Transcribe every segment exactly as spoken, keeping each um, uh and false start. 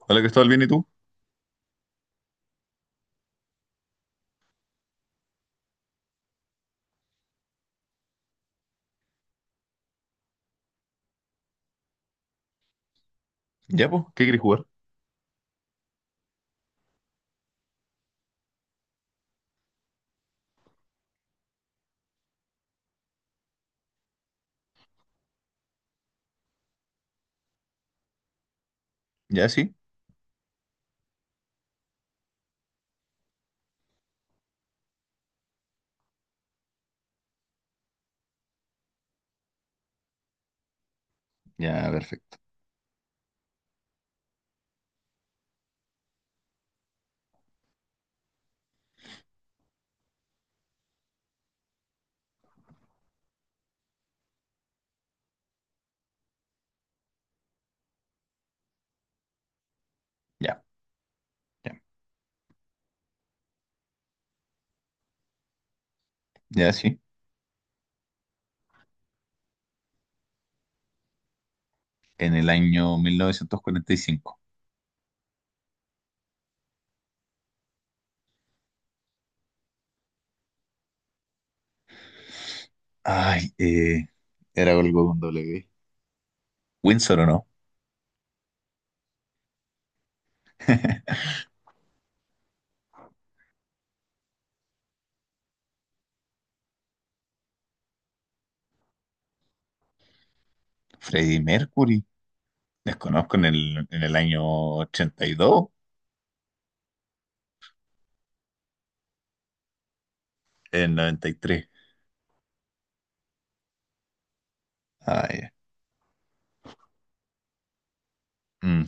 Hola Cristóbal, ¿bien y tú? Ya, pues, ¿qué quieres jugar? Ya, sí. Ya, perfecto. Ya, ya, ya, sí. En el año mil novecientos cuarenta y cinco. Ay, eh, era algo con doble G. ¿Windsor o no? Freddie Mercury. Desconozco en el, en el año ochenta y dos, en noventa y tres. Ay, mm,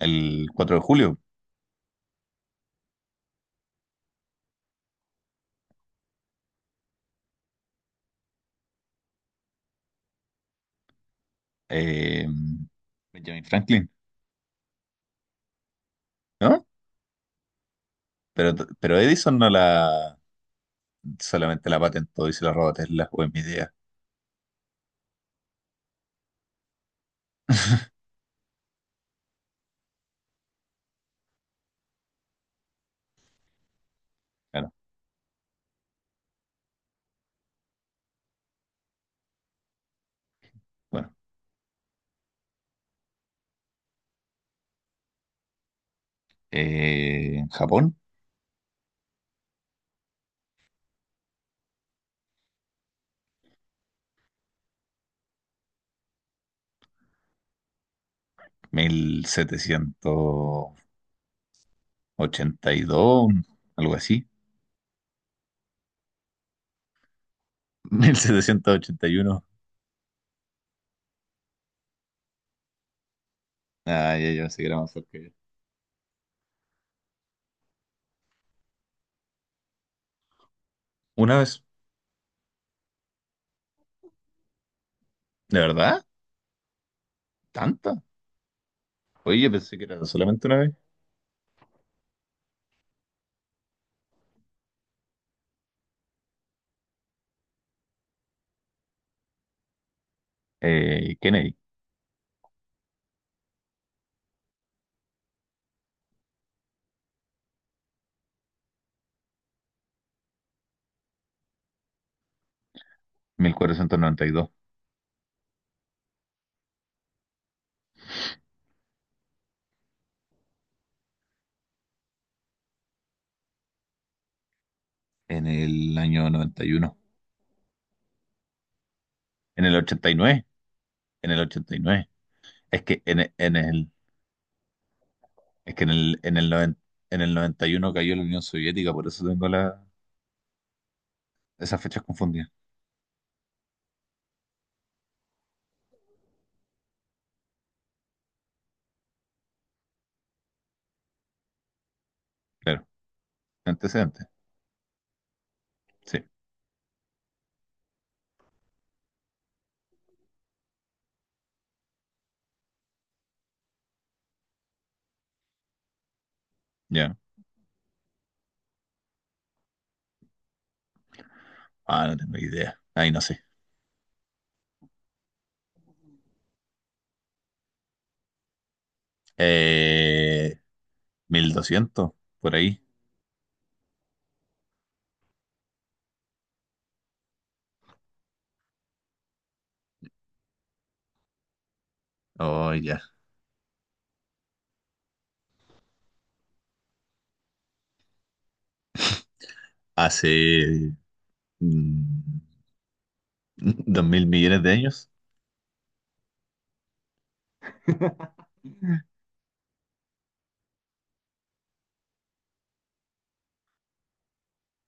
el cuatro de julio. eh, Benjamin Franklin, ¿no? Pero, pero Edison no la solamente la patentó y se la robó a Tesla, o es mi idea. Claro. Bueno, eh, en Japón, mil setecientos ochenta y dos, algo así. Mil setecientos ochenta y uno. Ah, ya, ya pensé que era más cerca que yo. Una vez, ¿de verdad? ¿Tanta? Oye, yo pensé que era solamente una vez. Eh, Kennedy, mil cuatrocientos noventa y dos. En el año noventa y uno. En el ochenta y nueve. En el ochenta y nueve. Es que en, e- en el, es que en el, en el, noven- en el noventa y uno cayó la Unión Soviética, por eso tengo la, esas fechas confundidas. Claro, antecedentes, sí, ya. Ah, no tengo idea. Ahí no sé. Eh, mil doscientos por ahí. Oh, ya. Hace mm, dos mil millones de años.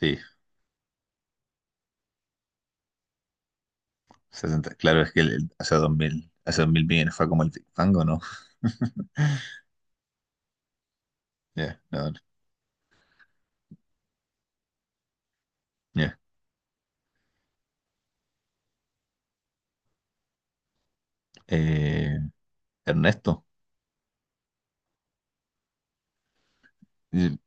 Sí, sesenta. Claro, es que el- hace dos mil hace dos mil millones fue como el Big Bang, ¿o no? Ya, no, no. Ya. Eh, Ernesto. Y-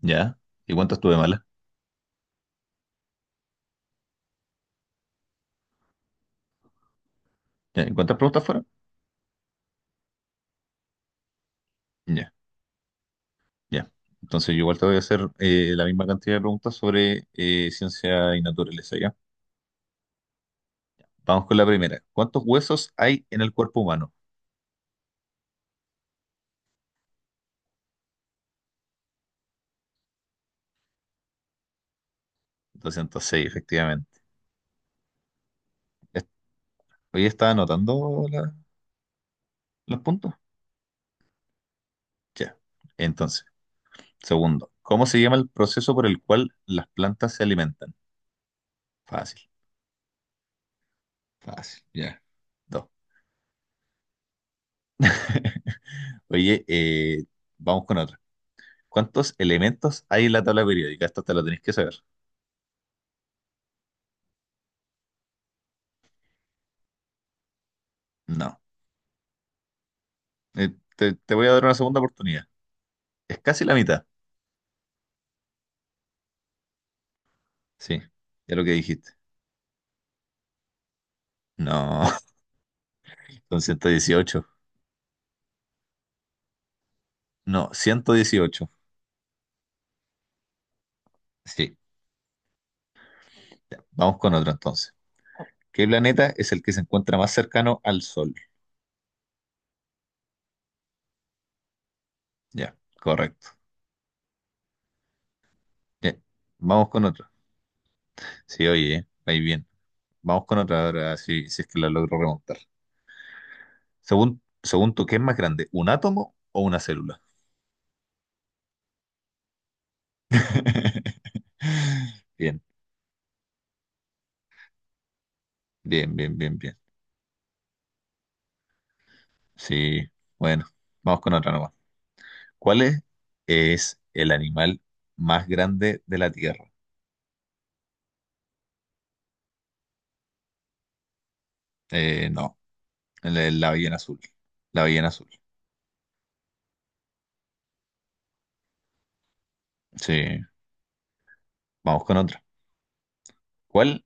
Ya. ¿Y cuántas tuve malas? Ya, ¿y ¿Cuántas preguntas fueron? Ya, ya. Entonces yo igual te voy a hacer eh, la misma cantidad de preguntas sobre eh, ciencia y naturaleza, ¿ya? Vamos con la primera. ¿Cuántos huesos hay en el cuerpo humano? Doscientos seis, efectivamente. Est- Hoy estaba anotando la- los puntos. Ya. Entonces, segundo, ¿cómo se llama el proceso por el cual las plantas se alimentan? Fácil, fácil, ya. Dos. Oye, eh, vamos con otra. ¿Cuántos elementos hay en la tabla periódica? Esto te lo tenés que saber. No. Eh, te, te voy a dar una segunda oportunidad. Es casi la mitad. Sí, ya lo que dijiste. No, son ciento dieciocho. No, ciento dieciocho. Sí, ya, vamos con otro entonces. ¿Qué planeta es el que se encuentra más cercano al Sol? Ya, correcto. Ya, vamos con otro. Sí, oye, eh, ahí bien. Vamos con otra ahora, si, si es que la logro remontar. Según, según tú, ¿qué es más grande? ¿Un átomo o una célula? Bien, bien, bien, bien, bien. Sí, bueno, vamos con otra nomás. ¿Cuál es, es el animal más grande de la Tierra? Eh, no, la, la ballena azul. La ballena azul. Sí, vamos con otra. ¿Cuál,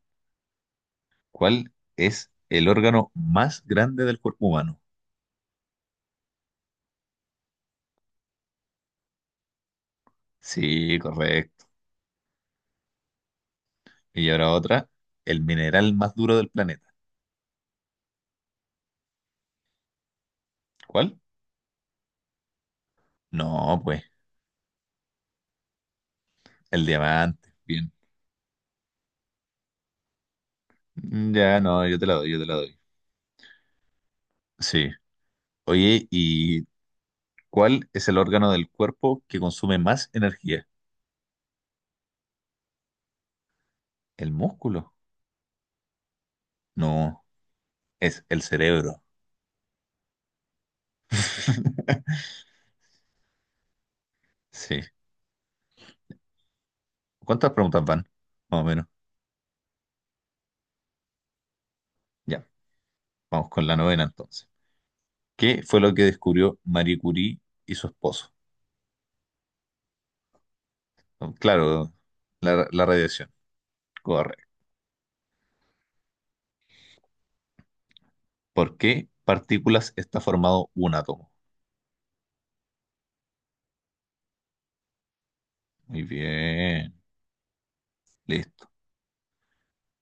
¿Cuál es el órgano más grande del cuerpo humano? Sí, correcto. Y ahora otra, el mineral más duro del planeta. ¿Cuál? No, pues, el diamante. Bien. Mm, Ya, no, yo te la doy, yo te la doy. Sí. Oye, ¿y cuál es el órgano del cuerpo que consume más energía? ¿El músculo? No, es el cerebro. Sí. ¿Cuántas preguntas van? Más o menos. Ya, vamos con la novena entonces. ¿Qué fue lo que descubrió Marie Curie y su esposo? Claro, la, la radiación. Correcto. ¿Por qué partículas está formado un átomo? Muy bien, listo.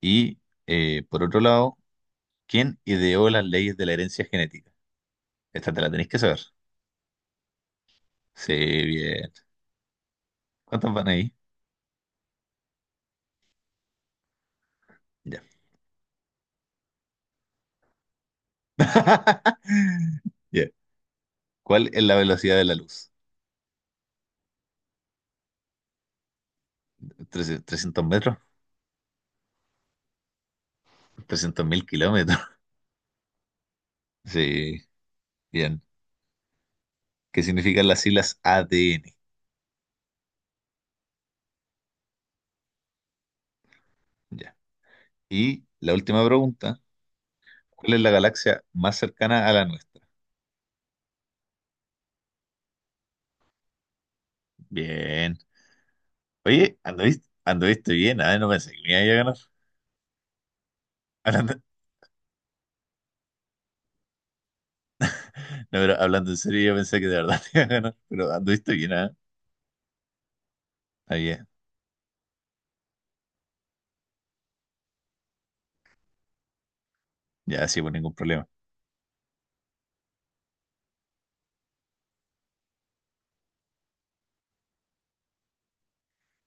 Y eh, por otro lado, ¿quién ideó las leyes de la herencia genética? Esta te la tenéis que saber. Sí, bien. ¿Cuántas van ahí? Ya. Ya. ¿Cuál es la velocidad de la luz? ¿Trece- ¿trescientos metros? ¿Trescientos mil kilómetros? Sí, bien. ¿Qué significan las siglas A D N? Ya. Y la última pregunta, ¿cuál es la galaxia más cercana a la nuestra? Bien. Oye, anduviste, anduviste bien, ah, no pensé que me iba a ganar. Hablando, no, pero hablando en serio, yo pensé que de verdad te iba a ganar, pero anduviste bien, ah, está bien. Ya, sí, por ningún problema.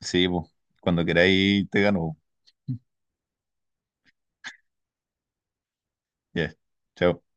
Sí, pues, cuando queráis te gano, pues. Ya. Chao.